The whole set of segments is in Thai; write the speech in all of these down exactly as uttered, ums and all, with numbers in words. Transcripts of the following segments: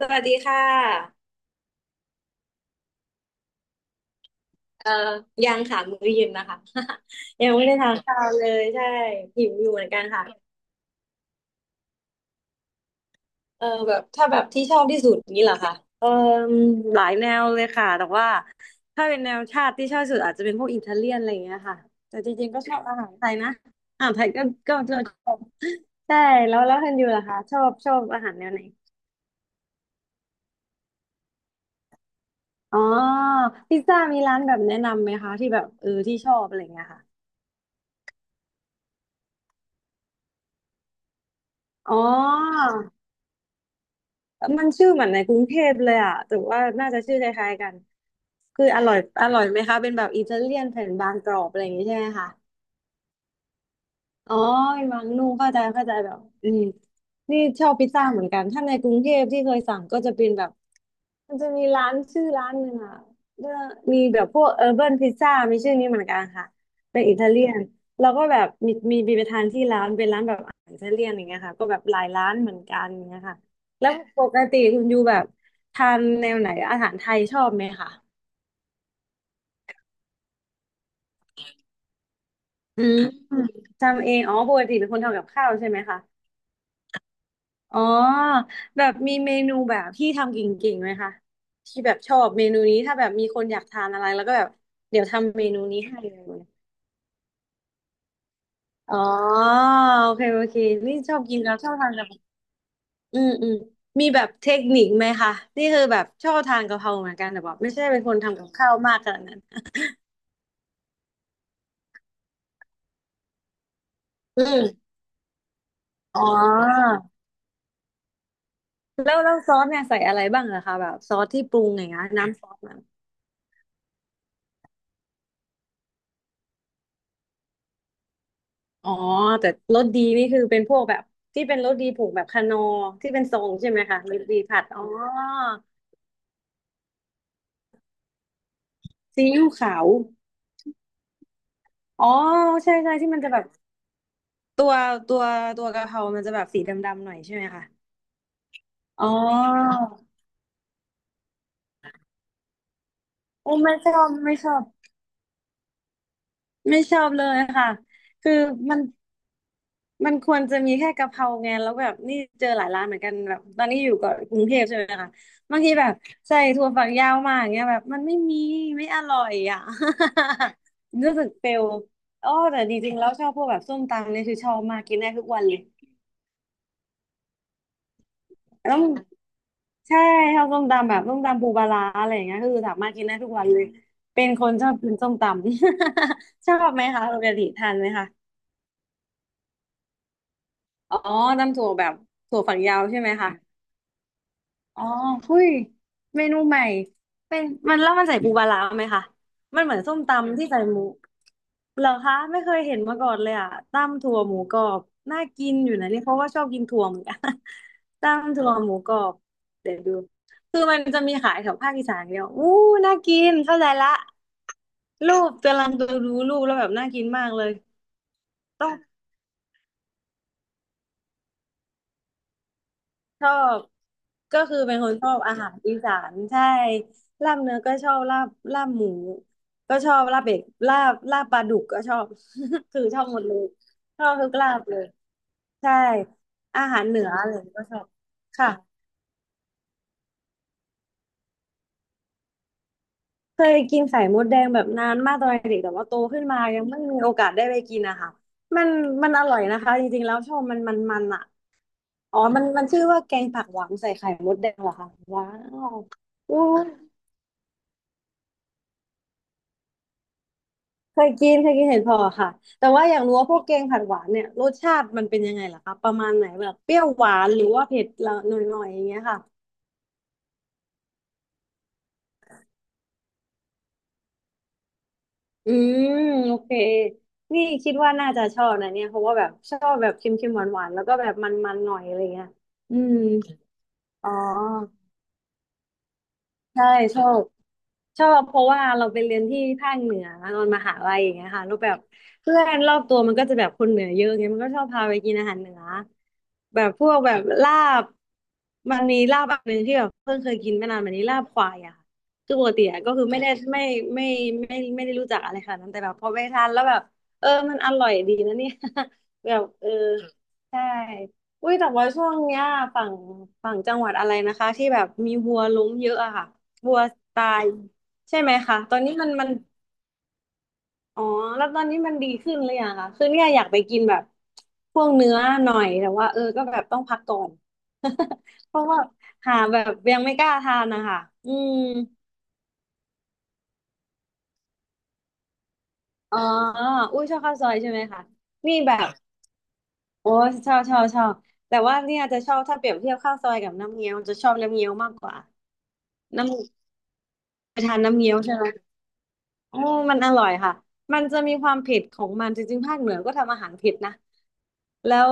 สวัสดีค่ะเอ่อยังค่ะมื้อเย็นนะคะ ยังไม่ได้ทานข้าวเลยใช่หิวอยู่เหมือนกันค่ะเออแบบถ้าแบบที่ชอบที่สุดนี่เหรอคะเออหลายแนวเลยค่ะแต่ว่าถ้าเป็นแนวชาติที่ชอบที่สุดอาจจะเป็นพวกอิตาเลียนอะไรอย่างเงี้ยค่ะแต่จริงๆก็ชอบอาหารไทยนะอาหารไทยก็ก็ก็ชอบใช่แล้วแล้วคุณอยู่ล่ะคะชอบชอบอาหารแนวไหนอ๋อพิซซ่ามีร้านแบบแนะนำไหมคะที่แบบเออที่ชอบอะไรอย่างเงี้ยค่ะอ๋อ มันชื่อเหมือนในกรุงเทพเลยอ่ะแต่ว่าน่าจะชื่อคล้ายๆกัน คืออร่อยอร่อยไหมคะ เป็นแบบอิตาเลียนแผ่นบางกรอบอะไรอย่างนี้ใช่ไหมคะ อ๋อมีมังนุ่งเข้าใจเข้าใจแบบอืมนี่ชอบพิซซ่าเหมือนกันถ้าในกรุงเทพที่เคยสั่งก็จะเป็นแบบมันจะมีร้านชื่อร้านหนึ่งอ่ะเออมีแบบพวกเออร์เบิร์นพิซซ่ามีชื่อนี้เหมือนกันค่ะเป็นอิตาเลียนแล้วก็แบบมีมีมีไปทานที่ร้านเป็นร้านแบบอาหารอิตาเลียนอย่างเงี้ยค่ะก็แบบหลายร้านเหมือนกันอย่างเงี้ยค่ะแล้วปกติคุณยูแบบทานแนวไหนอาหารไทยชอบไหมคะอืมทำเองอ๋อปกติเป็นคนทำกับข้าวใช่ไหมคะ อ๋อแบบมีเมนูแบบที่ทำเก่งๆไหมคะที่แบบชอบเมนูนี้ถ้าแบบมีคนอยากทานอะไรแล้วก็แบบเดี๋ยวทำเมนูนี้ให้เลยอ๋อโอเคโอเคนี่ชอบกินแล้วชอบทานกะเพราอืมอืมมีแบบเทคนิคไหมคะนี่คือแบบชอบทานกะเพราเหมือนกันแต่แบบไม่ใช่เป็นคนทำกับข้าวมากขนาดนั้นอืมอ๋อแล้วแล้วซอสเนี่ยใส่อะไรบ้างเหรอคะแบบซอสที่ปรุงอย่างเงี้ยน้ำซอส อ๋อแต่รสดีนี่คือเป็นพวกแบบที่เป็นรสดีผูกแบบคานอร์ที่เป็นทรงใช่ไหมคะรสดีผัดอ๋อซีอิ๊วขาวอ๋อใช่ใช่ที่มันจะแบบตัวตัวตัวกะเพรามันจะแบบสีดำๆหน่อยใช่ไหมคะอ๋อโอ้ไม่ชอบไม่ชอบไม่ชอบเลยค่ะคือมัน มันควรจะมีแค่กะเพราไงแล้วแบบนี่เจอหลายร้านเหมือนกันแบบตอนนี้อยู่กับกรุงเทพใช่ไหมคะบางทีแบบใส่ถั่วฝักยาวมาอย่างเงี้ยแบบมันไม่มีไม่อร่อยอ่ะ รู้สึกเฟลอ๋อแต่จริงๆแล้วชอบพวกแบบส้มตำเนี่ยคือชอบมากกินได้ทุกวันเลยแล้วใช่ชอบส้มตำแบบส้มตำปูปลาร้าอะไรอย่างเงี้ยคือสามารถกินได้ทุกวันเลยเป็นคนชอบกินส้มตำ ชอบไหมคะปกติทานไหมคะอ๋อตำถั่วแบบถั่วฝักยาวใช่ไหมคะ อ๋อหุ้ยเมนูใหม่เป็นมันแล้วมันใส่ปูปลาร้าไหมคะมันเหมือนส้มตำที่ใส่หมูเหรอคะไม่เคยเห็นมาก่อนเลยอ่ะตำถั่วหมูกรอบน่ากินอยู่นะนี่เพราะว่าชอบกินถั่วเหมือนกัน ตำถั่วหมูกรอบเดี๋ยวดูคือมันจะมีขายแถวภาคอีสานเดียวอู้น่ากินเข้าใจละรูปกำลังดูดูรูปแล้วแบบน่ากินมากเลยต้อง ชอบก็คือเป็นคนชอบอาหารอีสานใช่ลาบเนื้อก็ชอบลาบลาบหมูก็ชอบลาบเป็ดลาบลาบปลาดุกก็ชอบ คือชอบหมดเลยชอบทุกลาบเลยใช่อาหารเหนืออะไรก็ชอบค่ะเคยกินไข่มดแดงแบบนานมากตอนเด็กแต่ว่าโตขึ้นมายังไม่มีโอกาสได้ไปกินนะคะมันมันอร่อยนะคะจริงๆแล้วชอบมันมันมันอ่ะอ๋อมันมันชื่อว่าแกงผักหวานใส่ไข่มดแดงเหรอคะว้าวอู้ เคยกินเคยกินเห็ดเผาะค่ะแต่ว่าอยากรู้ว่าพวกแกงผัดหวานเนี่ยรสชาติมันเป็นยังไงล่ะคะประมาณไหนแบบเปรี้ยวหวานหรือว่าเผ็ดละหน่อยๆอย่างเงี้ยค่ะอืมโอเคนี่คิดว่าน่าจะชอบนะเนี่ยเพราะว่าแบบชอบแบบเค็มๆหวานๆแล้วก็แบบมันๆหน่อยอะไรเงี้ยอืมอ๋อใช่ชอบ ชอบเพราะว่าเราไปเรียนที่ภาคเหนือตอนมหาลัยอย่างเงี้ยค่ะแล้วแบบเพื่อนรอบตัวมันก็จะแบบคนเหนือเยอะเงยมันก็ชอบพาไปกินอาหารเหนือแบบพวกแบบลาบมันมีลาบอันหนึ่งที่แบบเพิ่งเคยกินไม่นานมานี้ลาบควายอะค่ะคือปกติอะก็คือไม่ได้ไม่ไม่ไม่ไม่ไม่ได้รู้จักอะไรค่ะนาดนั้นแต่แบบพอไปทานแล้วแบบเออมันอร่อยดีนะเนี่ย แบบเออใช่อุ้ยแต่ว่าช่วงเนี้ยฝั่งฝั่งจังหวัดอะไรนะคะที่แบบมีวัวล้มเยอะอะค่ะวัวตาย ใช่ไหมคะ ตอนนี้มันมันอ๋อแล้วตอนนี้มันดีขึ้นหรือยังคะคือเนี่ยอยากไปกินแบบพวกเนื้อหน่อย แต่ว่าเออก็แบบต้องพักก่อน เพราะว่าหาแบบยังไม่กล้าทานนะคะอืมอ๋ออุ้ยชอบข้าวซอยใช่ไหมคะนี่แบบโอ้ชอบชอบชอบแต่ว่าเนี่ยจะชอบถ้าเปรียบเทียบข้าวซอยกับน้ำเงี้ยวจะชอบน้ำเงี้ยวมากกว่าน้ำไปทานน้ำเงี้ยวใช่ไหมโอ้มันอร่อยค่ะ มันจะมีความเผ็ดของมัน จริงๆภาคเหนือก็ทำอาหารเผ็ดนะ แล้ว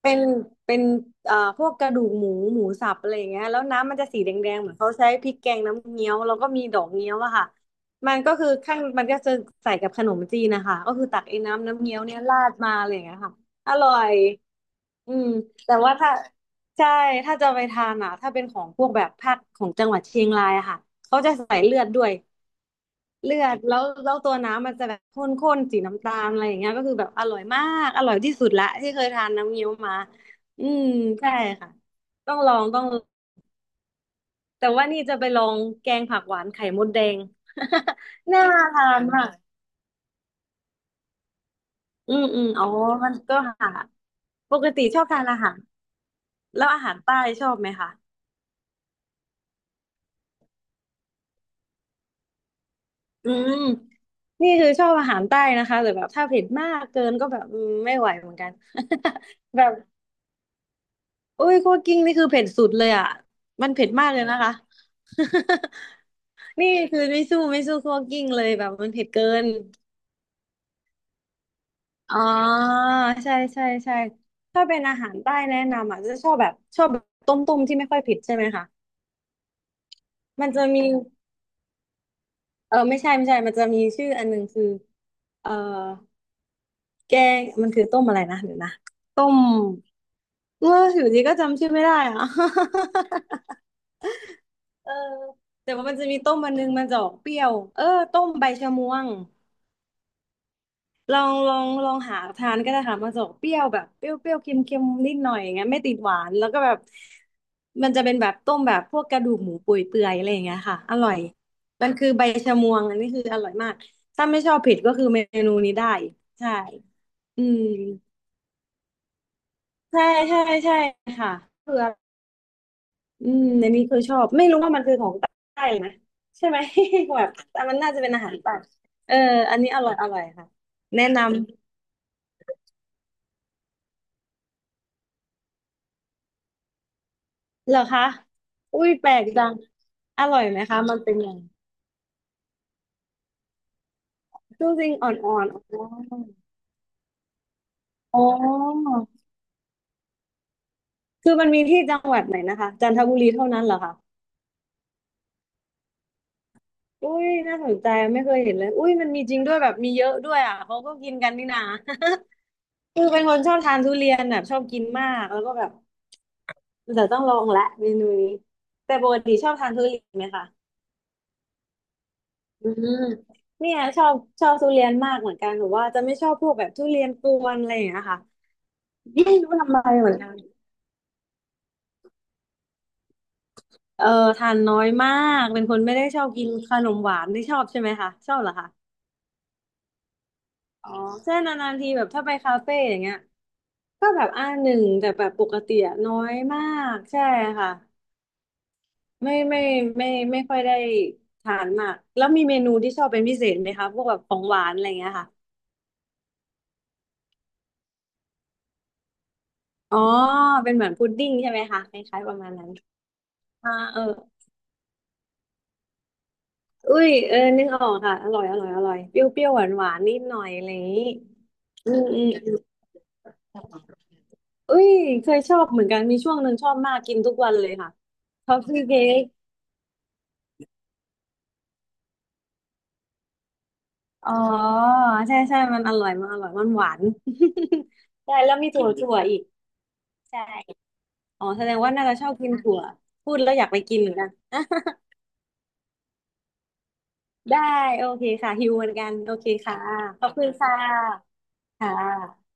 เป็นเป็นเอ่อพวกกระดูกหมูหมูสับอะไรอย่างเงี้ยแล้วน้ำมันจะสีแดงๆเหมือนเขาใช้พริกแกงน้ำเงี้ยวแล้วก็มีดอกเงี้ยวอะค่ะมันก็คือข้างมันก็จะใส่กับขนมจีนนะคะก็คือตักไอ้น้ำน้ำเงี้ยวเนี่ยราดมาอะไรอย่างเงี้ยค่ะอร่อยอืมแต่ว่าถ้าใช่ถ้าจะไปทานอะถ้าเป็นของพวกแบบภาคของจังหวัดเชียงรายอะค่ะเขาจะใส่เลือดด้วย เลือดแล้วแล้วตัวน้ำมันจะแบบข้นๆสีน้ำตาลอะไรอย่างเงี้ยก็คือแบบอร่อยมากอร่อยที่สุดละที่เคยทานน้ำเงี้ยวมาอืมใช่ค่ะต้องลองต้องลองแต่ว่านี่จะไปลองแกงผักหวานไข่มดแดง น่าทานมากอืมอืมอ๋อมันก็หาปกติชอบทานอาหารแล้วอาหารใต้ชอบไหมคะอืมนี่คือชอบอาหารใต้นะคะแต่แบบถ้าเผ็ดมากเกินก็แบบอืมไม่ไหวเหมือนกัน แบบ โอ้ยคั่วกลิ้งนี่คือเผ็ดสุดเลยอ่ะมันเผ็ดมากเลยนะคะ นี่คือไม่สู้ไม่สู้คั่วกลิ้งเลยแบบมันเผ็ดเกินอ๋อใช่ใช่ใช่ถ้าเป็นอาหารใต้แนะนำอ่ะจะชอบแบบชอบแบบต้มต้มที่ไม่ค่อยเผ็ดใช่ไหมคะมันจะมีเออไม่ใช่ไม่ใช่มันจะมีชื่ออันหนึงคือเออแกงมันคือต้มอะไรนะเดี๋ยวนะต้มเอออยู่ดีก็จำชื่อไม่ได้อ่ะ เออแต่ว่ามันจะมีต้มมันนึงมันจะออกเปรี้ยวเออต้มใบชะมวงลองลองลองหาทานก็ได้ค่ะมันจะออกเปรี้ยวแบบเปรี้ยวเปรี้ยวเค็มเค็มนิดหน่อยอย่างเงี้ยไม่ติดหวานแล้วก็แบบมันจะเป็นแบบต้มแบบพวกกระดูกหมูเปื่อยเปื่อยอะไรอย่างเงี้ยค่ะอร่อยมันคือใบชะมวงอันนี้คืออร่อยมากถ้าไม่ชอบเผ็ดก็คือเมนูนี้ได้ใช่อืมใช่ใช่ใช่ค่ะเผื่อ อืมในนี้เคยชอบไม่รู้ว่ามันคือของใต้หรนะใช่ไหม แบบแต่มันน่าจะเป็นอาหารใต้เอออันนี้อร่อยอร่อยค่ะแนะนำเหรอคะอุ้ยแปลกจังอร่อยไหมคะมันเป็นยังไงจริงๆอ่อนๆอ๋ออ๋อคือมันมีที่จังหวัดไหนนะคะจันทบุรีเท่านั้นเหรอคะอุ้ยน่าสนใจไม่เคยเห็นเลยอุ้ยมันมีจริงด้วยแบบมีเยอะด้วยอ่ะเขาก็กินกันนี่นา คือเป็นคนชอบทานทุเรียนแบบชอบกินมากแล้วก็แบบ เดี๋ยวต้องลองละเมนูนี้แต่ปกติชอบทานทุเรียนไหมคะอืมเนี่ยชอบชอบทุเรียนมากเหมือนกันหรือว่าจะไม่ชอบพวกแบบทุเรียนกวนอะไรอย่างเงี้ยค่ะไม่รู้ทำไมเหมือนกันเออทานน้อยมากเป็นคนไม่ได้ชอบกินขนมหวานไม่ชอบใช่ไหมคะชอบเหรอคะอ๋อเช่นนานๆทีแบบถ้าไปคาเฟ่อย่างเงี้ยก็แบบอ่าหนึ่งแต่แบบปกติอะน้อยมากใช่ค่ะไม่ไม่ไม่ไม่ค่อยได้ทานมากแล้วมีเมนูที่ชอบเป็นพิเศษไหมคะพวกแบบของหวานอะไรอย่างเงี้ยค่ะ อ๋อเป็นเหมือนพุดดิ้งใช่ไหมคะคล้ายๆประมาณนั้นอ่าเอออุ้ยเออนึกออกค่ะอร่อยอร่อยอร่อยเปรี้ยวเปรี้ยวหวานหวานนิดหน่อยอะไรอย่างนี้อืมอืมอืมอุ้ยเคยชอบเหมือนกันมีช่วงหนึ่งชอบมากกินทุกวันเลยค่ะชอบซื้อเค้กอ๋อใช่ใช่มันอร่อยมันอร่อยมันหวาน ใช่แล้วมีถั่วถั่วอีกใช่อ๋อแสดงว่าน่าจะชอบกินถั่วพูดแล้วอยากไปกินเหมือนกัน ได้โอเคค่ะหิวเหมือนกันโอเคค่ะขอบคุณค่ะค่ะ